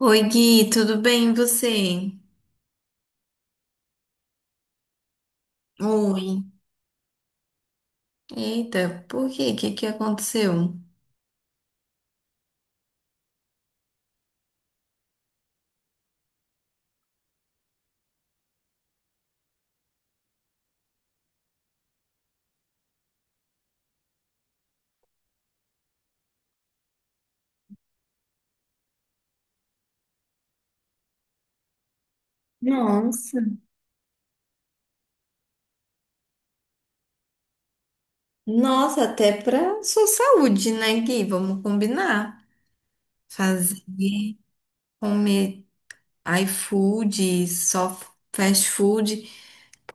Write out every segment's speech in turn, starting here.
Oi, Gui, tudo bem e você? Oi. Eita, por quê? O que que aconteceu? Nossa, Nossa, até pra sua saúde, né, Gui? Vamos combinar. Fazer, comer iFood, só fast food,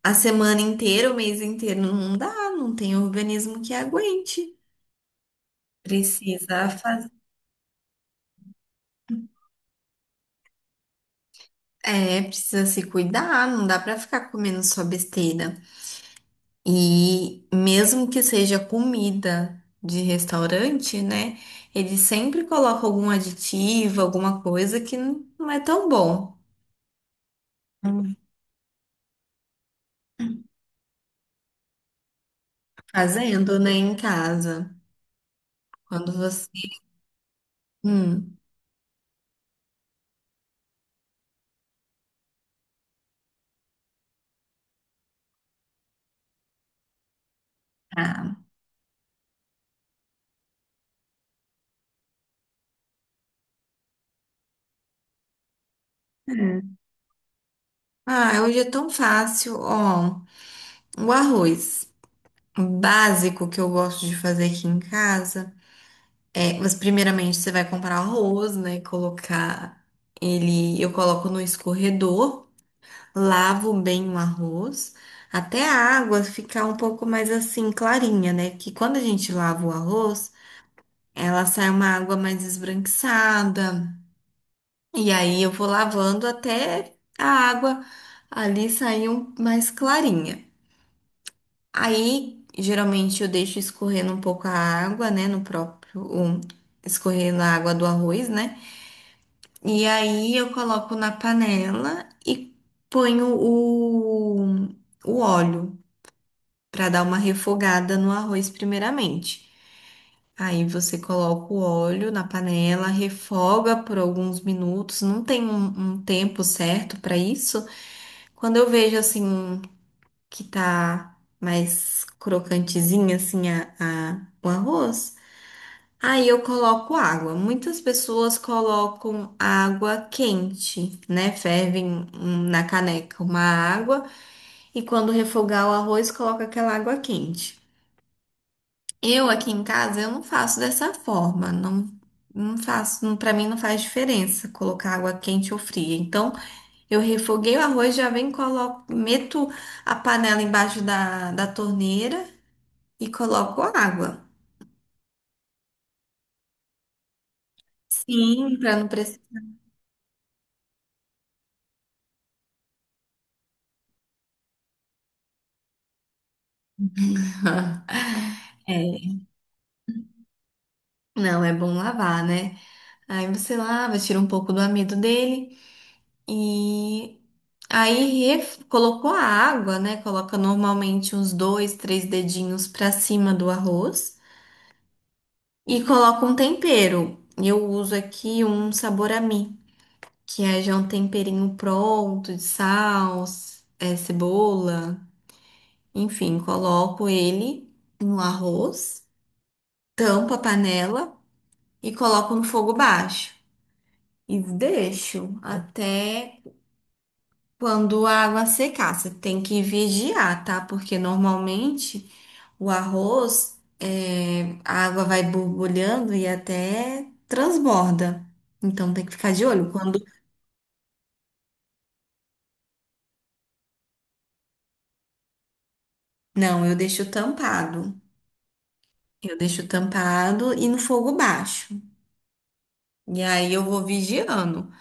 a semana inteira, o mês inteiro, não dá, não tem organismo que aguente. Precisa fazer, precisa se cuidar, não dá pra ficar comendo só besteira. E mesmo que seja comida de restaurante, né? Ele sempre coloca algum aditivo, alguma coisa que não é tão bom. Hum. Fazendo, né, em casa. Quando você. Hum, tá. Ah, hoje é tão fácil. Ó, o arroz básico que eu gosto de fazer aqui em casa é, mas primeiramente você vai comprar arroz, né? Colocar ele, eu coloco no escorredor. Lavo bem o arroz, até a água ficar um pouco mais assim clarinha, né? Que quando a gente lava o arroz, ela sai uma água mais esbranquiçada. E aí eu vou lavando até a água ali sair mais clarinha. Aí, geralmente eu deixo escorrendo um pouco a água, né, no próprio escorrendo a água do arroz, né? E aí eu coloco na panela e ponho o óleo, para dar uma refogada no arroz primeiramente. Aí você coloca o óleo na panela, refoga por alguns minutos, não tem um tempo certo para isso. Quando eu vejo assim um que tá mais crocantezinha assim o arroz, aí eu coloco água. Muitas pessoas colocam água quente, né? Fervem na caneca uma água e quando refogar o arroz, coloca aquela água quente. Eu aqui em casa eu não faço dessa forma, não, não faço, não, para mim não faz diferença colocar água quente ou fria. Então eu refoguei o arroz, já venho e coloco, meto a panela embaixo da torneira e coloco a água. Sim, para não precisar. É, não, é bom lavar, né? Aí você lava, tira um pouco do amido dele e aí colocou a água, né? Coloca normalmente uns dois, três dedinhos para cima do arroz. E coloco um tempero. Eu uso aqui um sabor a mim, que é já um temperinho pronto de sal, cebola, enfim, coloco ele no arroz, tampo a panela e coloco no fogo baixo e deixo até quando a água secar. Você tem que vigiar, tá? Porque normalmente o arroz, a água vai borbulhando e até transborda. Então tem que ficar de olho. Quando não, eu deixo tampado. Eu deixo tampado e no fogo baixo. E aí eu vou vigiando.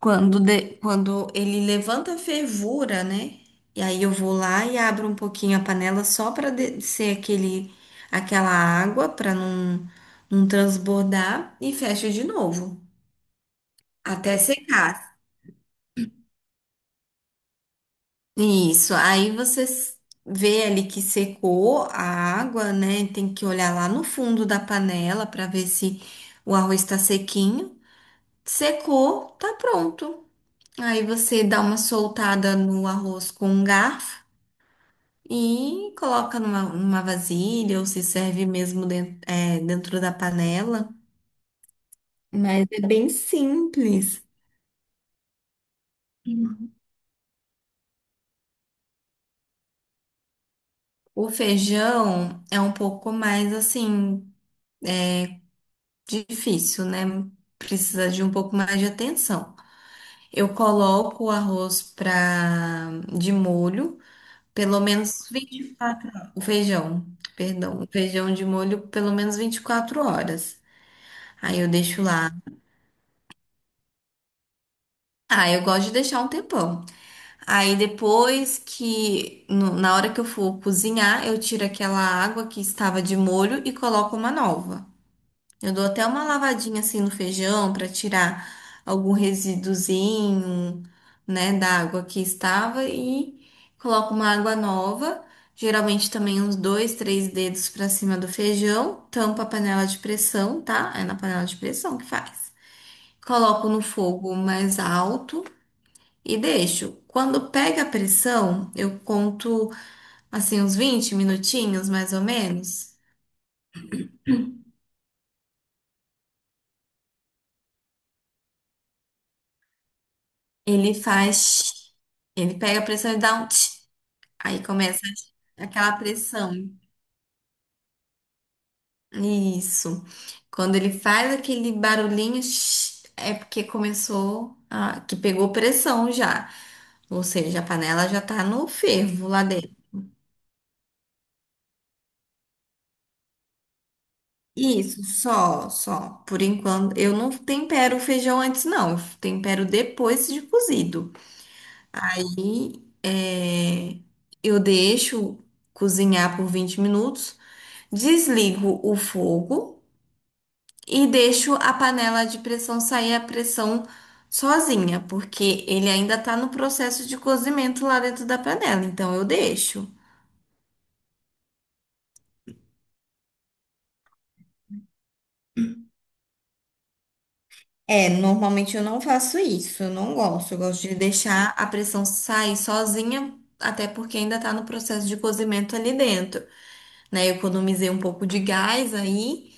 Quando ele levanta a fervura, né? E aí eu vou lá e abro um pouquinho a panela só para descer aquele, aquela água para não, não transbordar e fecho de novo até secar. Isso, aí você vê ali que secou a água, né? Tem que olhar lá no fundo da panela para ver se o arroz está sequinho. Secou, tá pronto. Aí você dá uma soltada no arroz com um garfo e coloca numa vasilha ou se serve mesmo dentro, da panela. Mas é bem simples. O feijão é um pouco mais assim. Difícil, né? Precisa de um pouco mais de atenção. Eu coloco o arroz de molho, pelo menos 20, o feijão, perdão, o feijão de molho pelo menos 24 horas. Aí eu deixo lá. Ah, eu gosto de deixar um tempão. Aí depois que, na hora que eu for cozinhar, eu tiro aquela água que estava de molho e coloco uma nova. Eu dou até uma lavadinha assim no feijão para tirar algum resíduozinho, né, da água que estava e coloco uma água nova, geralmente também uns dois, três dedos para cima do feijão, tampo a panela de pressão, tá? É na panela de pressão que faz. Coloco no fogo mais alto e deixo. Quando pega a pressão, eu conto assim uns 20 minutinhos mais ou menos. Ele faz, ele pega a pressão e dá um tch. Aí começa aquela pressão. Isso. Quando ele faz aquele barulhinho, shh, é porque começou que pegou pressão já. Ou seja, a panela já tá no fervo lá dentro. Isso, só, só. Por enquanto, eu não tempero o feijão antes, não. Eu tempero depois de cozido. E é, eu deixo cozinhar por 20 minutos, desligo o fogo. E deixo a panela de pressão sair a pressão sozinha, porque ele ainda tá no processo de cozimento lá dentro da panela, então eu deixo. É, normalmente eu não faço isso, eu não gosto, eu gosto de deixar a pressão sair sozinha, até porque ainda tá no processo de cozimento ali dentro, né? Eu economizei um pouco de gás aí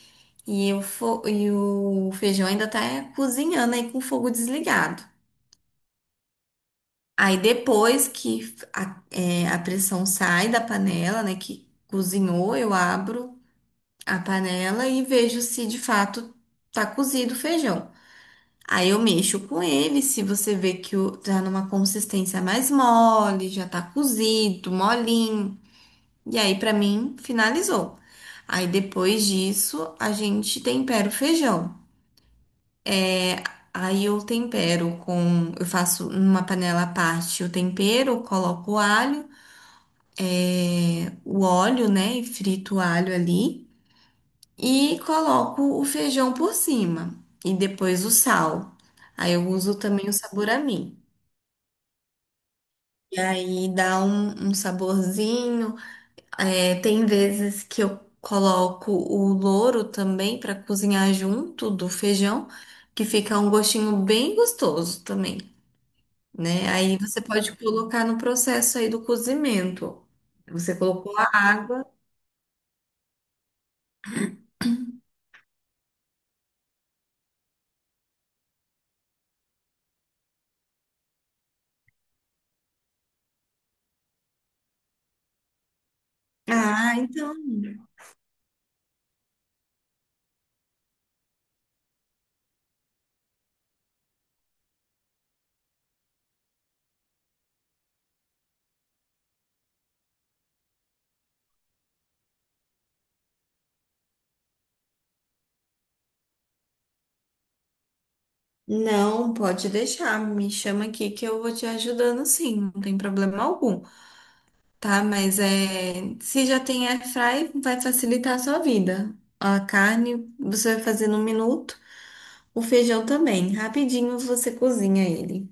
e o feijão ainda tá cozinhando aí com o fogo desligado. Aí depois que a pressão sai da panela, né, que cozinhou, eu abro a panela e vejo se de fato tá cozido o feijão. Aí eu mexo com ele, se você vê que tá numa consistência mais mole, já tá cozido, molinho. E aí pra mim finalizou. Aí depois disso, a gente tempera o feijão. É, Aí eu tempero eu faço numa panela à parte o tempero, coloco o alho, o óleo, né? E frito o alho ali. E coloco o feijão por cima. E depois o sal. Aí eu uso também o saburami. E aí dá um saborzinho. É, tem vezes que eu coloco o louro também para cozinhar junto do feijão, que fica um gostinho bem gostoso também, né? Aí você pode colocar no processo aí do cozimento. Você colocou a água. Ah, então. Não, pode deixar, me chama aqui que eu vou te ajudando sim, não tem problema algum, tá? Mas se já tem airfry, vai facilitar a sua vida. A carne você vai fazer num minuto, o feijão também, rapidinho você cozinha ele.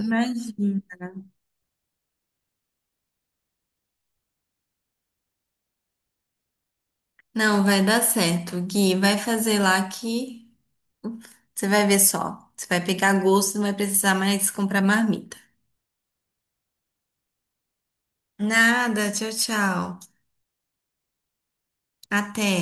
Imagina. Não, vai dar certo, Gui, vai fazer lá que você vai ver só. Você vai pegar gosto, não vai precisar mais comprar marmita. Nada, tchau, tchau. Até.